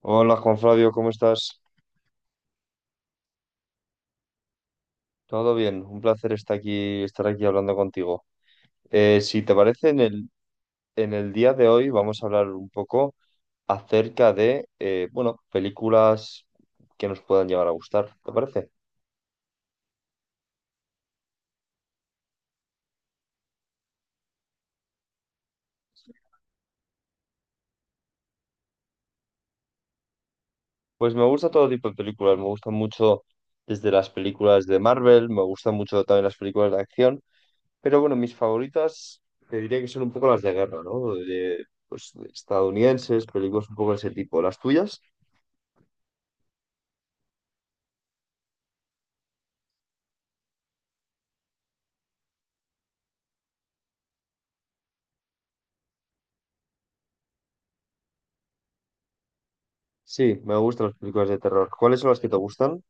Hola Juan Flavio, ¿cómo estás? Todo bien, un placer estar aquí hablando contigo. Si te parece, en el día de hoy vamos a hablar un poco acerca de, bueno, películas que nos puedan llegar a gustar, ¿te parece? Pues me gusta todo tipo de películas, me gustan mucho desde las películas de Marvel, me gustan mucho también las películas de acción, pero bueno, mis favoritas te diría que son un poco las de guerra, ¿no? De, pues, de estadounidenses, películas un poco de ese tipo. ¿Las tuyas? Sí, me gustan las películas de terror. ¿Cuáles son las que te gustan?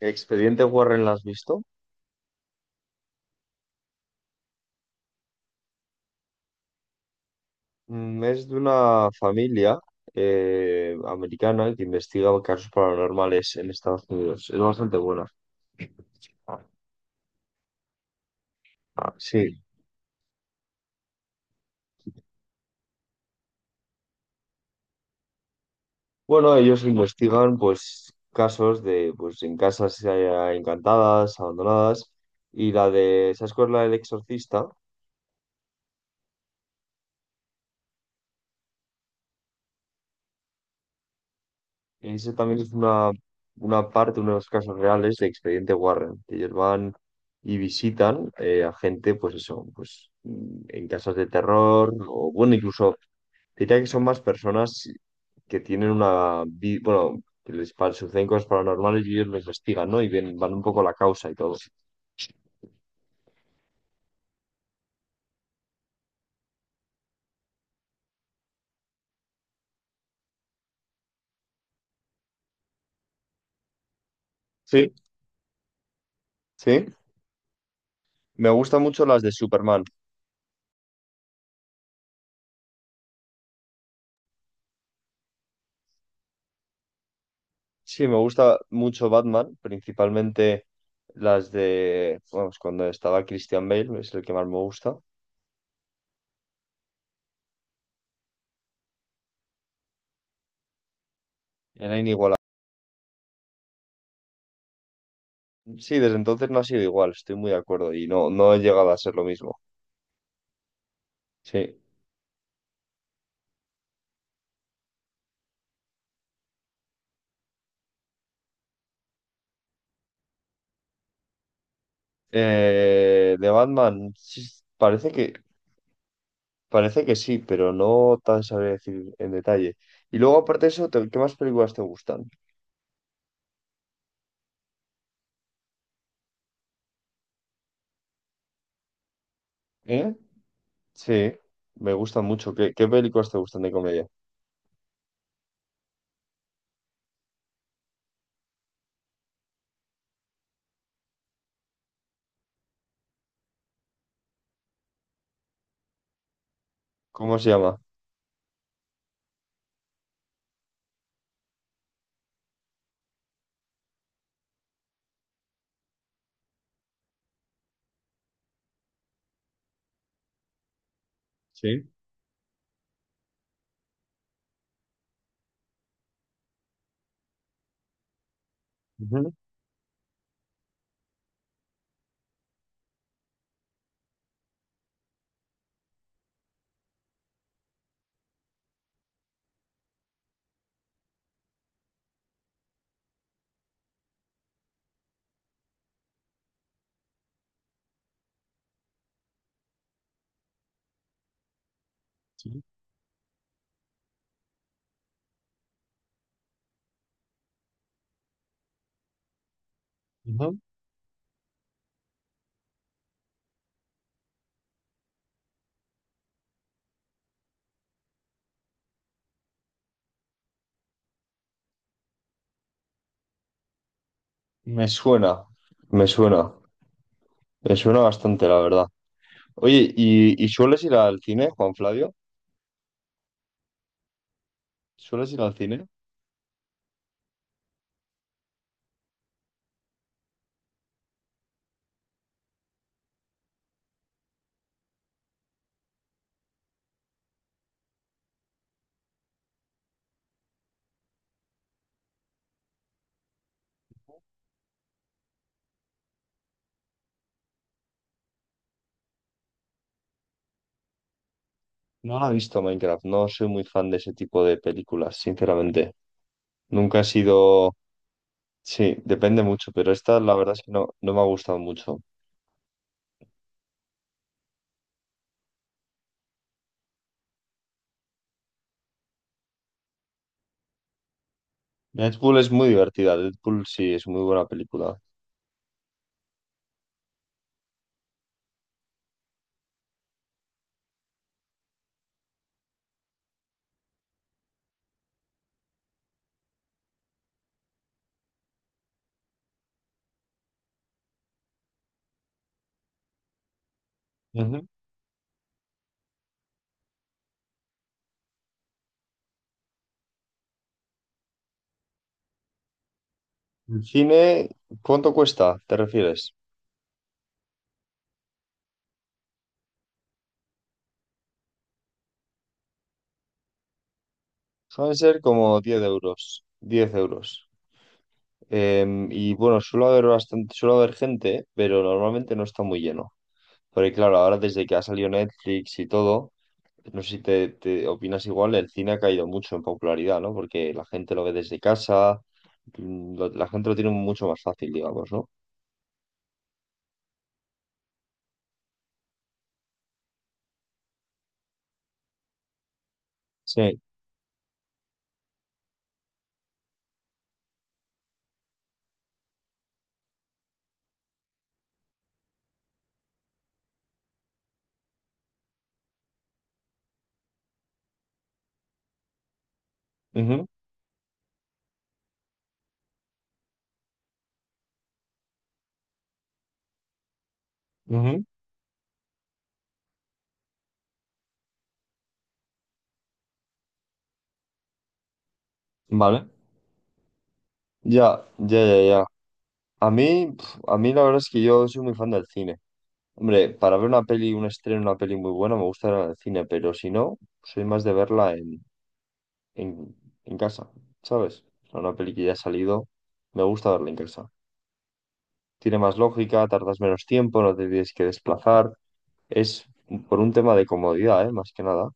Expediente Warren, ¿la has visto? Mm, es de una familia americana que investiga casos paranormales en Estados Unidos. Es bastante buena. Ajá. Sí. Bueno, ellos investigan pues casos de pues en casas encantadas, abandonadas. Y la de, ¿sabes cuál es la del exorcista? Ese también es una parte, uno de los casos reales de Expediente Warren, que ellos van y visitan a gente, pues eso, pues en casas de terror, o bueno, incluso diría que son más personas que tienen una, bueno, que les suceden cosas paranormales y ellos lo investigan, ¿no? Y ven, van un poco la causa y todo. Sí, sí. Me gustan mucho las de Superman. Sí, me gusta mucho Batman, principalmente las de, vamos, cuando estaba Christian Bale, es el que más me gusta. Era inigualable. Sí, desde entonces no ha sido igual, estoy muy de acuerdo y no, no he llegado a ser lo mismo. Sí. De Batman, sí, parece que, parece que sí, pero no tan sabré decir en detalle. Y luego, aparte de eso, ¿qué más películas te gustan? ¿Eh? Sí, me gustan mucho. ¿ qué películas te gustan de comedia? ¿Cómo se llama? Sí. Ujú, sí, ujú. Me suena, me suena, me suena bastante, la verdad. Oye, ¿ y sueles ir al cine, Juan Flavio? ¿Sueles ir al cine? No la he visto Minecraft, no soy muy fan de ese tipo de películas, sinceramente. Nunca he sido... Sí, depende mucho, pero esta la verdad es que no, no me ha gustado mucho. Deadpool es muy divertida, Deadpool sí es muy buena película. Ujú. El cine, ¿cuánto cuesta? ¿Te refieres? Suelen ser como 10 euros, 10 euros. Y bueno, suele haber bastante, suele haber gente, pero normalmente no está muy lleno. Porque claro, ahora desde que ha salido Netflix y todo... No sé si te, te opinas igual, el cine ha caído mucho en popularidad, ¿no? Porque la gente lo ve desde casa, mm, la gente lo tiene mucho más fácil, digamos, ¿no? Sí. Ujú, ujú. Vale. Ya. A mí, pf, a mí la verdad es que yo soy muy fan del cine. Hombre, para ver una peli, un estreno, una peli muy buena, me gusta ir al cine, pero si no, soy más de verla en, en casa, ¿sabes? O sea, una peli que ya ha salido, me gusta verla en casa. Tiene más lógica, tardas menos tiempo, no te tienes que desplazar. Es por un tema de comodidad, ¿eh? Más que nada.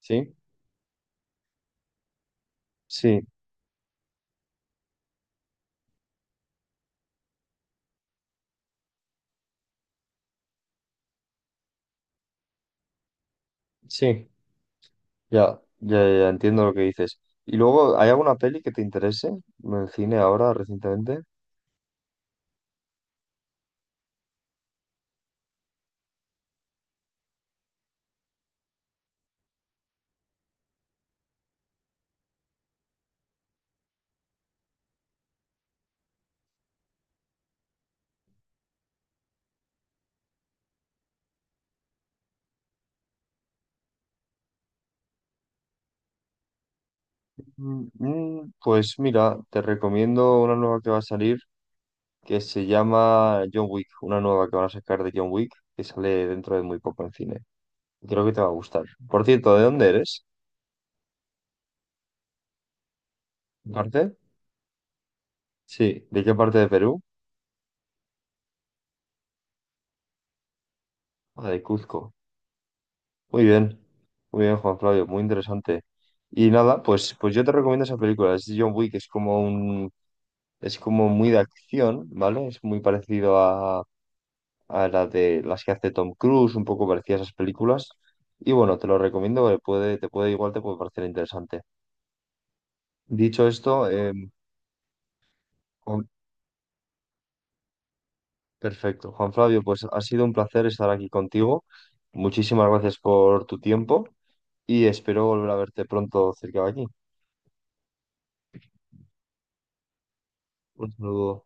Sí, sí, sí. Ya entiendo lo que dices. ¿Y luego hay alguna peli que te interese en el cine ahora recientemente? Pues mira, te recomiendo una nueva que va a salir que se llama John Wick, una nueva que van a sacar de John Wick que sale dentro de muy poco en cine. Creo que te va a gustar. Por cierto, ¿de dónde eres? ¿De ¿parte? Sí, ¿de qué parte de Perú? Ah, de Cuzco. Muy bien, muy bien, Juan Flavio, muy interesante. Y nada, pues, pues yo te recomiendo esa película, es John Wick, es como un, es como muy de acción, ¿vale? Es muy parecido a la de las que hace Tom Cruise, un poco parecida a esas películas. Y bueno, te lo recomiendo, porque puede, te puede igual te puede parecer interesante. Dicho esto, Juan- perfecto. Juan Flavio, pues ha sido un placer estar aquí contigo. Muchísimas gracias por tu tiempo y espero volver a verte pronto cerca de aquí. Un saludo.